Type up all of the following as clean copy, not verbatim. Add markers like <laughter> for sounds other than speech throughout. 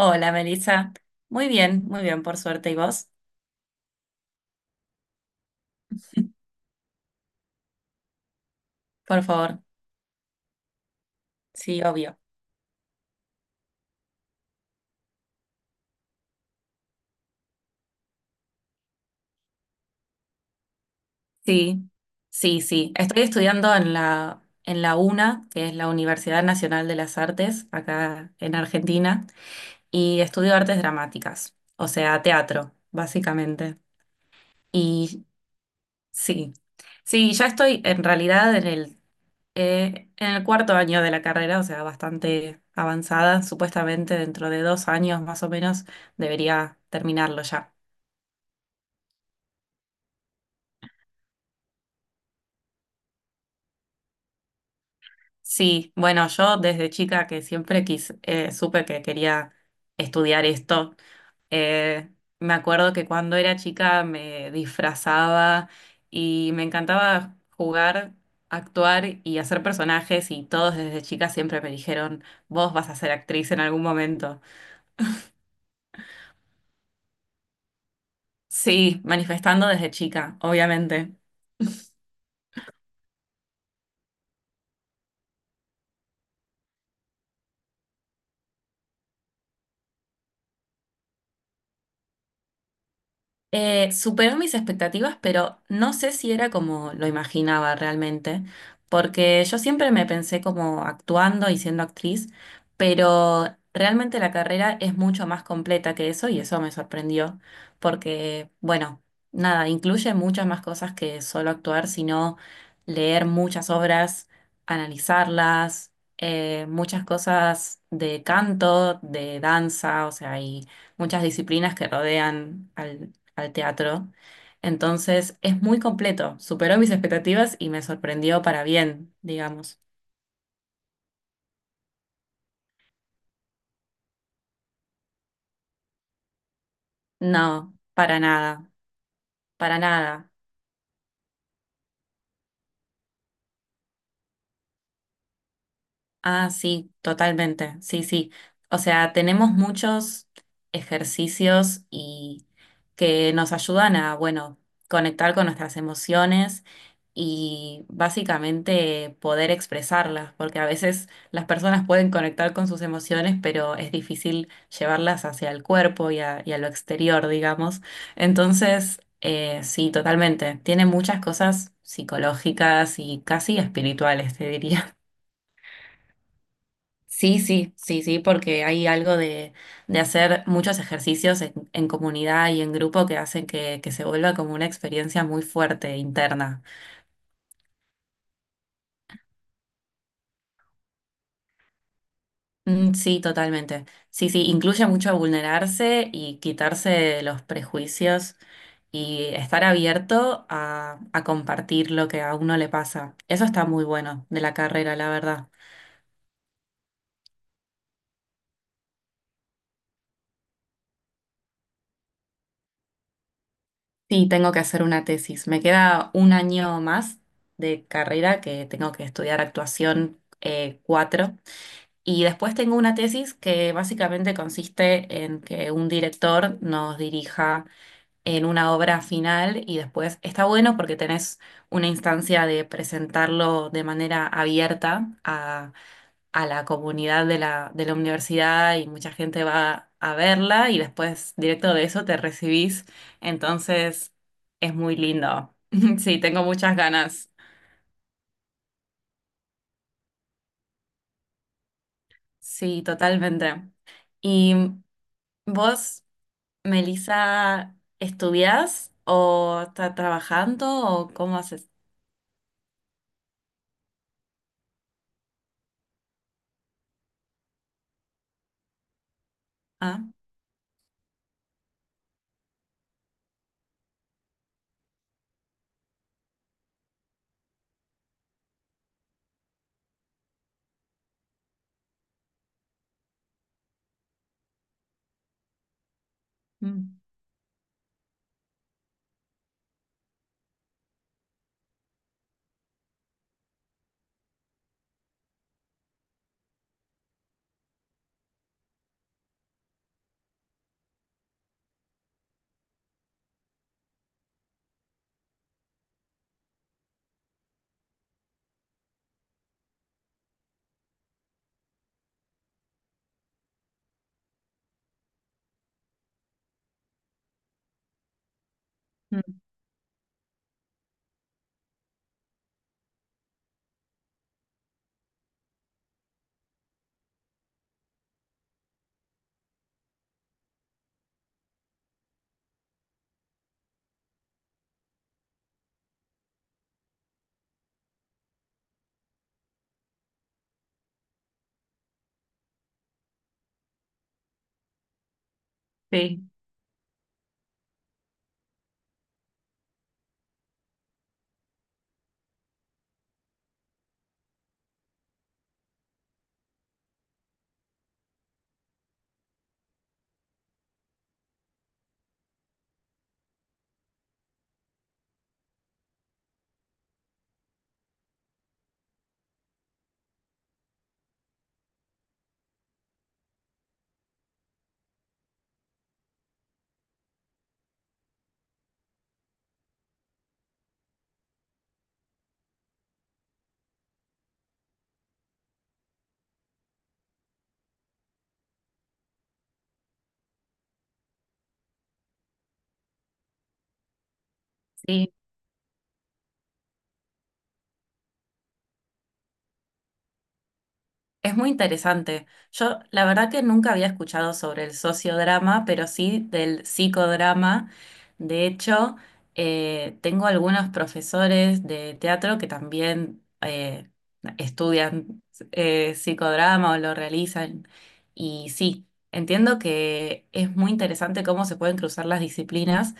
Hola, Melissa. Muy bien, por suerte. ¿Y vos? Por favor. Sí, obvio. Sí, sí. Estoy estudiando en la UNA, que es la Universidad Nacional de las Artes, acá en Argentina, y estudio artes dramáticas, o sea, teatro, básicamente. Y sí, sí, ya estoy en realidad en en el cuarto año de la carrera, o sea, bastante avanzada. Supuestamente dentro de dos años más o menos debería terminarlo ya. Sí, bueno, yo desde chica que siempre supe que quería estudiar esto, eh, me acuerdo que cuando era chica me disfrazaba y me encantaba jugar, actuar y hacer personajes y todos desde chica siempre me dijeron, vos vas a ser actriz en algún momento. Sí, manifestando desde chica, obviamente. Superó mis expectativas, pero no sé si era como lo imaginaba realmente, porque yo siempre me pensé como actuando y siendo actriz, pero realmente la carrera es mucho más completa que eso y eso me sorprendió, porque, bueno, nada, incluye muchas más cosas que solo actuar, sino leer muchas obras, analizarlas, muchas cosas de canto, de danza, o sea, y muchas disciplinas que rodean al teatro. Entonces es muy completo, superó mis expectativas y me sorprendió para bien, digamos. No, para nada, para nada. Ah, sí, totalmente. Sí, sí. O sea, tenemos muchos ejercicios y que nos ayudan a, bueno, conectar con nuestras emociones y básicamente poder expresarlas, porque a veces las personas pueden conectar con sus emociones, pero es difícil llevarlas hacia el cuerpo y a lo exterior, digamos. Entonces, sí, totalmente. Tiene muchas cosas psicológicas y casi espirituales, te diría. Sí, porque hay algo de hacer muchos ejercicios en comunidad y en grupo que hacen que se vuelva como una experiencia muy fuerte, interna. Mm, sí, totalmente. Sí, sí, incluye mucho vulnerarse y quitarse los prejuicios y estar abierto a compartir lo que a uno le pasa. Eso está muy bueno de la carrera, la verdad. Sí, tengo que hacer una tesis. Me queda un año más de carrera que tengo que estudiar actuación 4. Y después tengo una tesis que básicamente consiste en que un director nos dirija en una obra final y después está bueno porque tenés una instancia de presentarlo de manera abierta a la comunidad de de la universidad y mucha gente va a verla y después directo de eso te recibís. Entonces es muy lindo. <laughs> Sí, tengo muchas ganas. Sí, totalmente. ¿Y vos, Melissa, estudiás o estás trabajando o cómo haces? Ah, mm, mm, sí, sí. Es muy interesante. Yo la verdad que nunca había escuchado sobre el sociodrama, pero sí del psicodrama. De hecho, tengo algunos profesores de teatro que también estudian psicodrama o lo realizan. Y sí, entiendo que es muy interesante cómo se pueden cruzar las disciplinas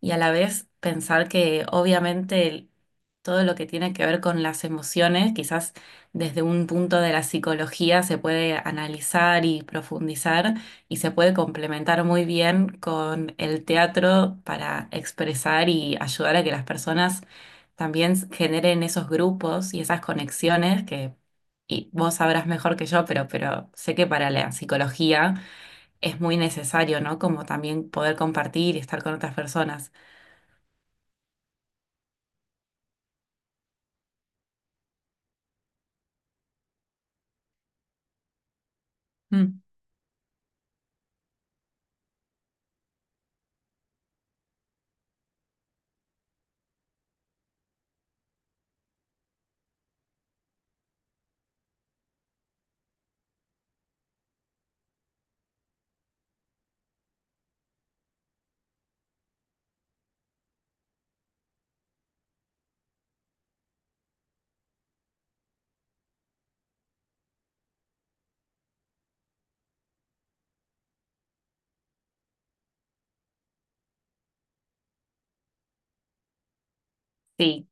y a la vez pensar que obviamente todo lo que tiene que ver con las emociones, quizás desde un punto de la psicología se puede analizar y profundizar y se puede complementar muy bien con el teatro para expresar y ayudar a que las personas también generen esos grupos y esas conexiones que y vos sabrás mejor que yo, pero sé que para la psicología es muy necesario, ¿no? Como también poder compartir y estar con otras personas. Mm. Sí,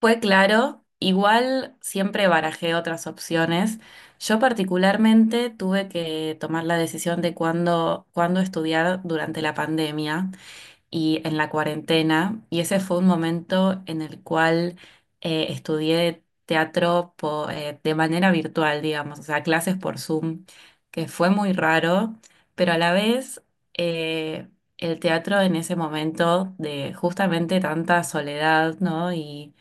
fue claro, igual siempre barajé otras opciones. Yo particularmente tuve que tomar la decisión de cuándo, cuándo estudiar durante la pandemia y en la cuarentena, y ese fue un momento en el cual estudié teatro de manera virtual, digamos, o sea, clases por Zoom, que fue muy raro, pero a la vez eh, el teatro en ese momento de justamente tanta soledad, ¿no? Y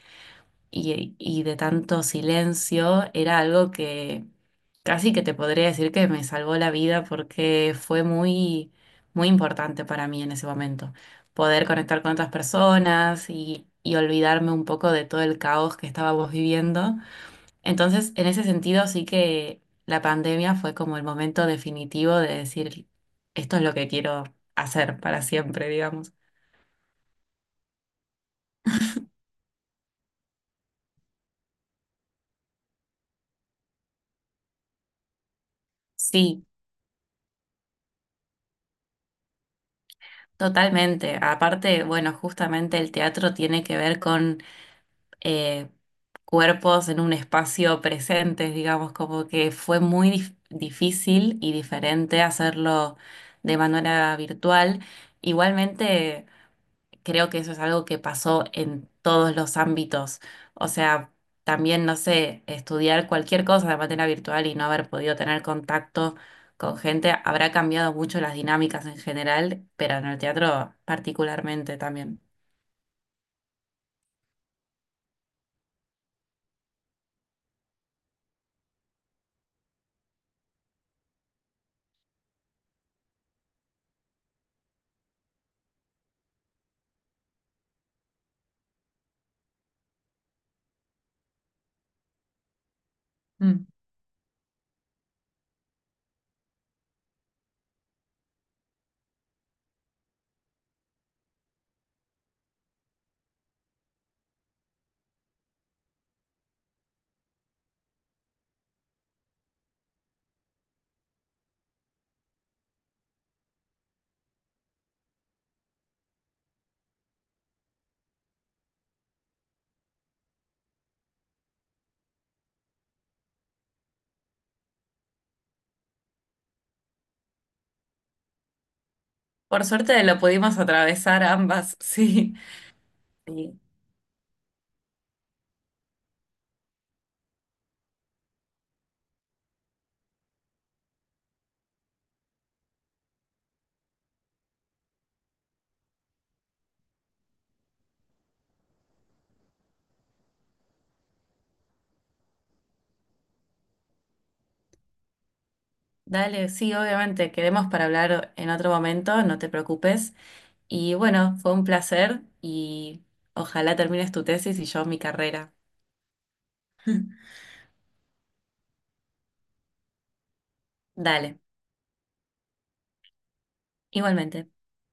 y, Y de tanto silencio, era algo que casi que te podría decir que me salvó la vida porque fue muy, muy importante para mí en ese momento. Poder conectar con otras personas y olvidarme un poco de todo el caos que estábamos viviendo. Entonces, en ese sentido, sí que la pandemia fue como el momento definitivo de decir, esto es lo que quiero hacer para siempre, digamos. Sí. Totalmente. Aparte, bueno, justamente el teatro tiene que ver con eh, cuerpos en un espacio presente, digamos, como que fue muy difícil y diferente hacerlo de manera virtual. Igualmente creo que eso es algo que pasó en todos los ámbitos. O sea, también, no sé, estudiar cualquier cosa de manera virtual y no haber podido tener contacto con gente habrá cambiado mucho las dinámicas en general, pero en el teatro particularmente también. Mm. Por suerte lo pudimos atravesar ambas, <laughs> sí. Sí. Dale, sí, obviamente, quedemos para hablar en otro momento, no te preocupes. Y bueno, fue un placer y ojalá termines tu tesis y yo mi carrera. Dale. Igualmente.